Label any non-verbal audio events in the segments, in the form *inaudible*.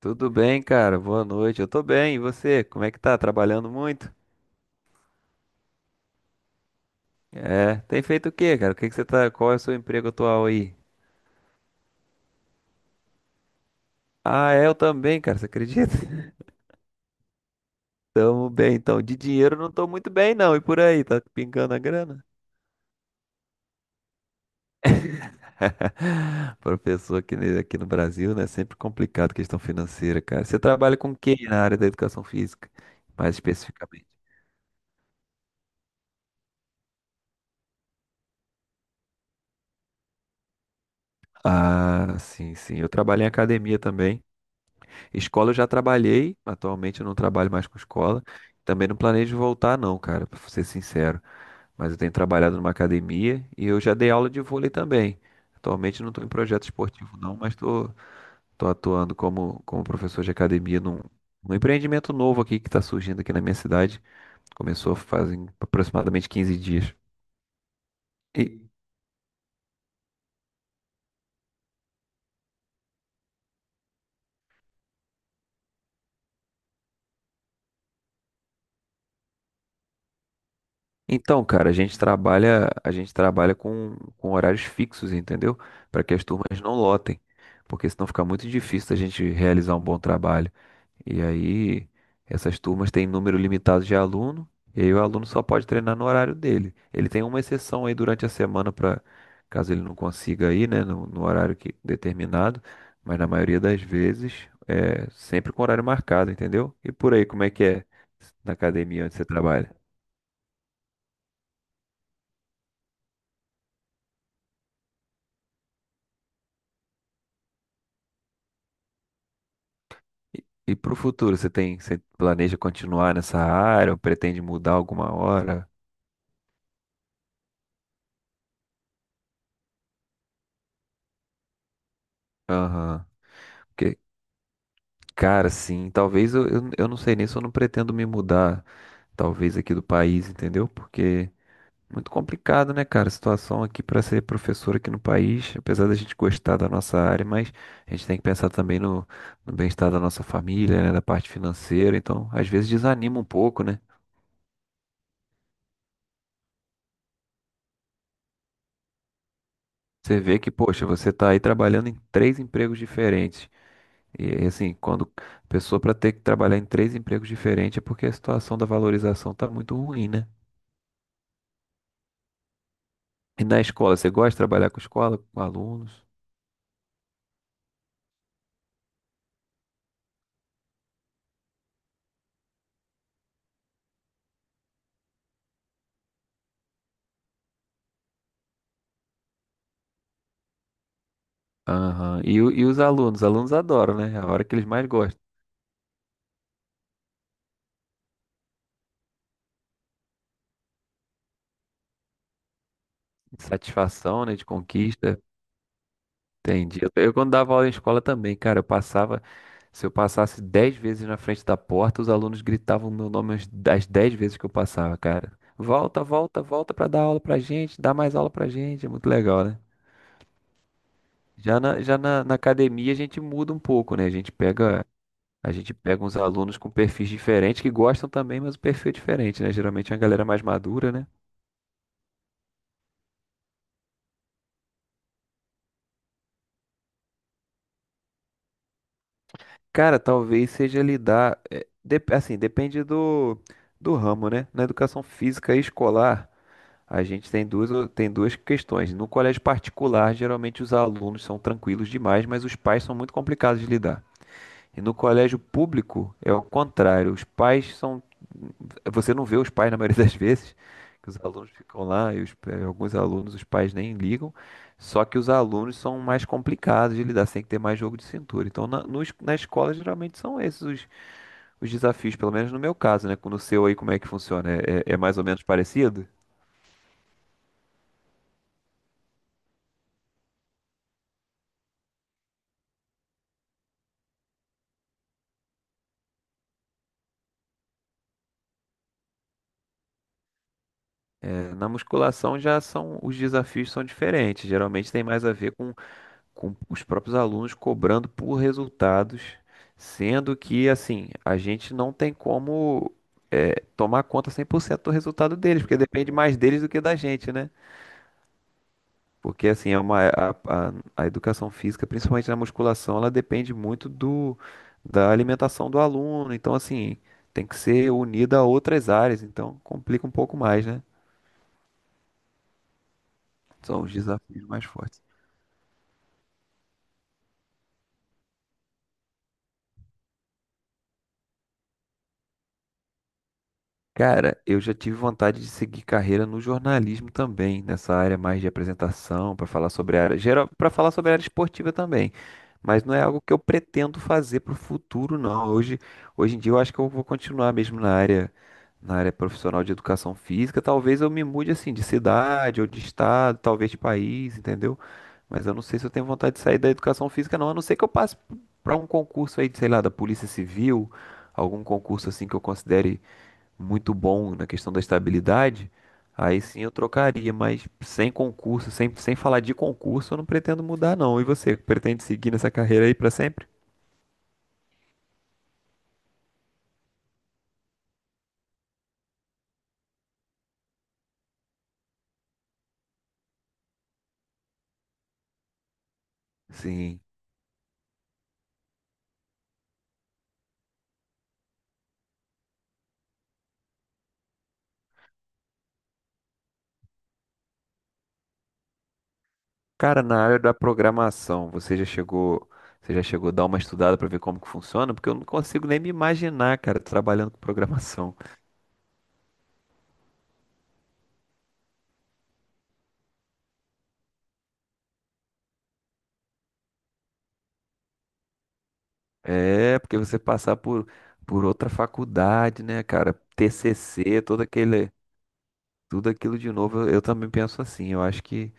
Tudo bem, cara? Boa noite. Eu tô bem. E você? Como é que tá? Trabalhando muito? É. Tem feito o quê, cara? O que que você tá? Qual é o seu emprego atual aí? Ah, é, eu também, cara. Você acredita? *laughs* Tamo bem, então. De dinheiro não tô muito bem, não. E por aí? Tá pingando a grana? *laughs* Professor aqui, aqui no Brasil, né? Sempre complicado questão financeira, cara. Você trabalha com quem na área da educação física? Mais especificamente. Ah, sim, sim. Eu trabalho em academia também. Escola eu já trabalhei, atualmente eu não trabalho mais com escola. Também não planejo voltar, não, cara, pra ser sincero. Mas eu tenho trabalhado numa academia e eu já dei aula de vôlei também. Atualmente eu não estou em projeto esportivo, não, mas estou tô atuando como, como professor de academia num empreendimento novo aqui que está surgindo aqui na minha cidade. Começou fazem aproximadamente 15 dias. E, Então, cara, a gente trabalha com horários fixos, entendeu? Para que as turmas não lotem, porque senão fica muito difícil a gente realizar um bom trabalho. E aí, essas turmas têm número limitado de aluno, e aí o aluno só pode treinar no horário dele. Ele tem uma exceção aí durante a semana para caso ele não consiga ir, né, no horário que, determinado, mas na maioria das vezes é sempre com horário marcado, entendeu? E por aí, como é que é na academia onde você trabalha? E para o futuro, você tem, você planeja continuar nessa área ou pretende mudar alguma hora? Aham. que Cara, sim, talvez eu não sei nem se eu não pretendo me mudar, talvez aqui do país, entendeu? Porque é muito complicado, né, cara? A situação aqui para ser professor aqui no país, apesar da gente gostar da nossa área, mas a gente tem que pensar também no bem-estar da nossa família, né, da parte financeira. Então, às vezes desanima um pouco, né? Você vê que, poxa, você tá aí trabalhando em três empregos diferentes. E assim, quando a pessoa para ter que trabalhar em três empregos diferentes é porque a situação da valorização tá muito ruim, né? E na escola, você gosta de trabalhar com escola, com alunos? Aham. E, e os alunos? Os alunos adoram, né? É a hora que eles mais gostam. De satisfação, né? De conquista. Entendi. Eu quando dava aula em escola também, cara, eu passava. Se eu passasse dez vezes na frente da porta, os alunos gritavam meu nome as das dez vezes que eu passava, cara. Volta, volta, volta pra dar aula pra gente, dá mais aula pra gente. É muito legal, né? Já na academia a gente muda um pouco, né? A gente pega uns alunos com perfis diferentes que gostam também, mas o perfil é diferente, né? Geralmente é uma galera mais madura, né? Cara, talvez seja lidar, é, assim, depende do, do ramo, né? Na educação física e escolar, a gente tem tem duas questões. No colégio particular, geralmente os alunos são tranquilos demais, mas os pais são muito complicados de lidar. E no colégio público é o contrário. Os pais são. Você não vê os pais na maioria das vezes, que os alunos ficam lá e alguns alunos, os pais nem ligam. Só que os alunos são mais complicados de lidar, você tem que ter mais jogo de cintura. Então, na, no es- na escola, geralmente são esses os desafios, pelo menos no meu caso, né? No seu aí, como é que funciona? É, é mais ou menos parecido? É, na musculação os desafios são diferentes. Geralmente tem mais a ver com os próprios alunos cobrando por resultados, sendo que, assim, a gente não tem como é, tomar conta 100% do resultado deles, porque depende mais deles do que da gente, né? Porque, assim, é a educação física, principalmente na musculação, ela depende muito da alimentação do aluno, então, assim, tem que ser unida a outras áreas, então complica um pouco mais, né? São os desafios mais fortes. Cara, eu já tive vontade de seguir carreira no jornalismo também, nessa área mais de apresentação, para falar sobre a área geral, para falar sobre a área esportiva também. Mas não é algo que eu pretendo fazer para o futuro, não. Hoje em dia eu acho que eu vou continuar mesmo na área profissional de educação física. Talvez eu me mude assim de cidade ou de estado, talvez de país, entendeu? Mas eu não sei se eu tenho vontade de sair da educação física, não. A não ser que eu passe para um concurso aí, de, sei lá, da Polícia Civil, algum concurso assim que eu considere muito bom na questão da estabilidade, aí sim eu trocaria, mas sem concurso, sem, sem falar de concurso, eu não pretendo mudar, não. E você, pretende seguir nessa carreira aí para sempre? Sim. Cara, na área da programação, você já chegou a dar uma estudada para ver como que funciona? Porque eu não consigo nem me imaginar, cara, trabalhando com programação. É, porque você passar por outra faculdade, né, cara? TCC, tudo aquilo de novo, eu também penso assim. Eu acho que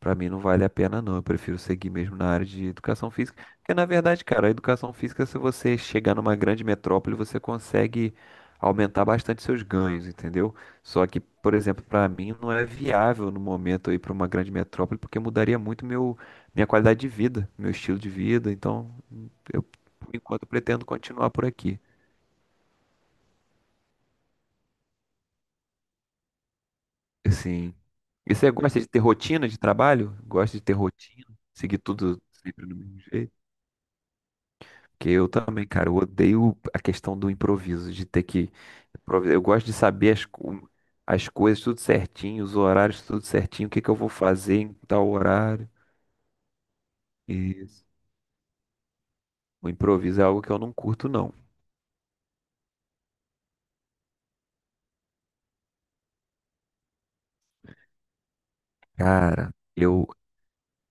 pra mim não vale a pena, não. Eu prefiro seguir mesmo na área de educação física. Porque, na verdade, cara, a educação física, se você chegar numa grande metrópole, você consegue aumentar bastante seus ganhos, entendeu? Só que, por exemplo, pra mim não é viável no momento eu ir pra uma grande metrópole, porque mudaria muito minha qualidade de vida, meu estilo de vida. Então, eu, por enquanto, pretendo continuar por aqui. Sim. E você gosta de ter rotina de trabalho? Gosta de ter rotina? Seguir tudo sempre do mesmo jeito? Porque eu também, cara, eu odeio a questão do improviso, de ter que. Eu gosto de saber as coisas tudo certinho, os horários tudo certinho, o que que eu vou fazer em tal horário. Isso. O improviso é algo que eu não curto, não. Cara, eu.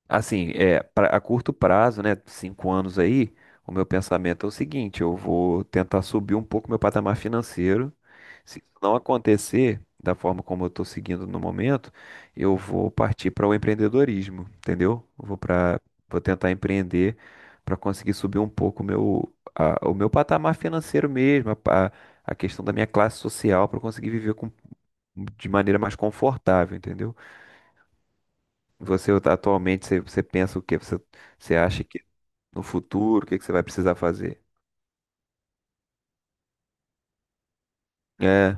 Assim, é, a curto prazo, né? Cinco anos aí, o meu pensamento é o seguinte: eu vou tentar subir um pouco meu patamar financeiro. Se isso não acontecer da forma como eu estou seguindo no momento, eu vou partir para o empreendedorismo, entendeu? Eu vou para, vou tentar empreender para conseguir subir um pouco o o meu patamar financeiro mesmo, a questão da minha classe social para conseguir viver de maneira mais confortável, entendeu? Você atualmente, você pensa o quê? Você, você acha que no futuro, o que que você vai precisar fazer? É,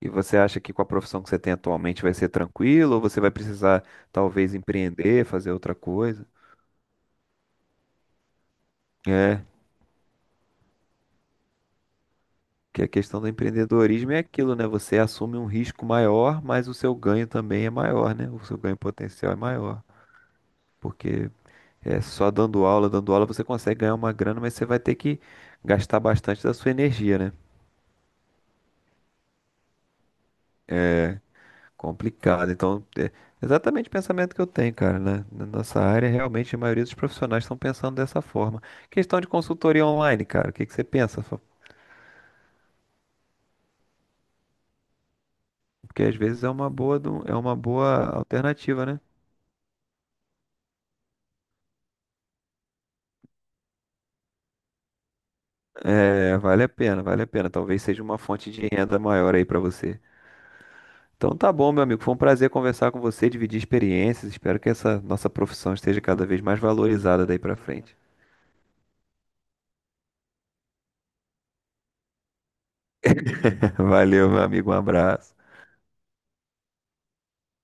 e você acha que com a profissão que você tem atualmente vai ser tranquilo ou você vai precisar talvez empreender, fazer outra coisa? É, que a questão do empreendedorismo é aquilo, né? Você assume um risco maior, mas o seu ganho também é maior, né? O seu ganho potencial é maior, porque é só dando aula você consegue ganhar uma grana, mas você vai ter que gastar bastante da sua energia, né? Complicado. Então, é exatamente o pensamento que eu tenho, cara, né? Na nossa área, realmente a maioria dos profissionais estão pensando dessa forma. Questão de consultoria online, cara, o que que você pensa? Fa- Porque às vezes é é uma boa alternativa, né? É, vale a pena, vale a pena. Talvez seja uma fonte de renda maior aí pra você. Então tá bom, meu amigo. Foi um prazer conversar com você, dividir experiências. Espero que essa nossa profissão esteja cada vez mais valorizada daí pra frente. *laughs* Valeu, meu amigo. Um abraço.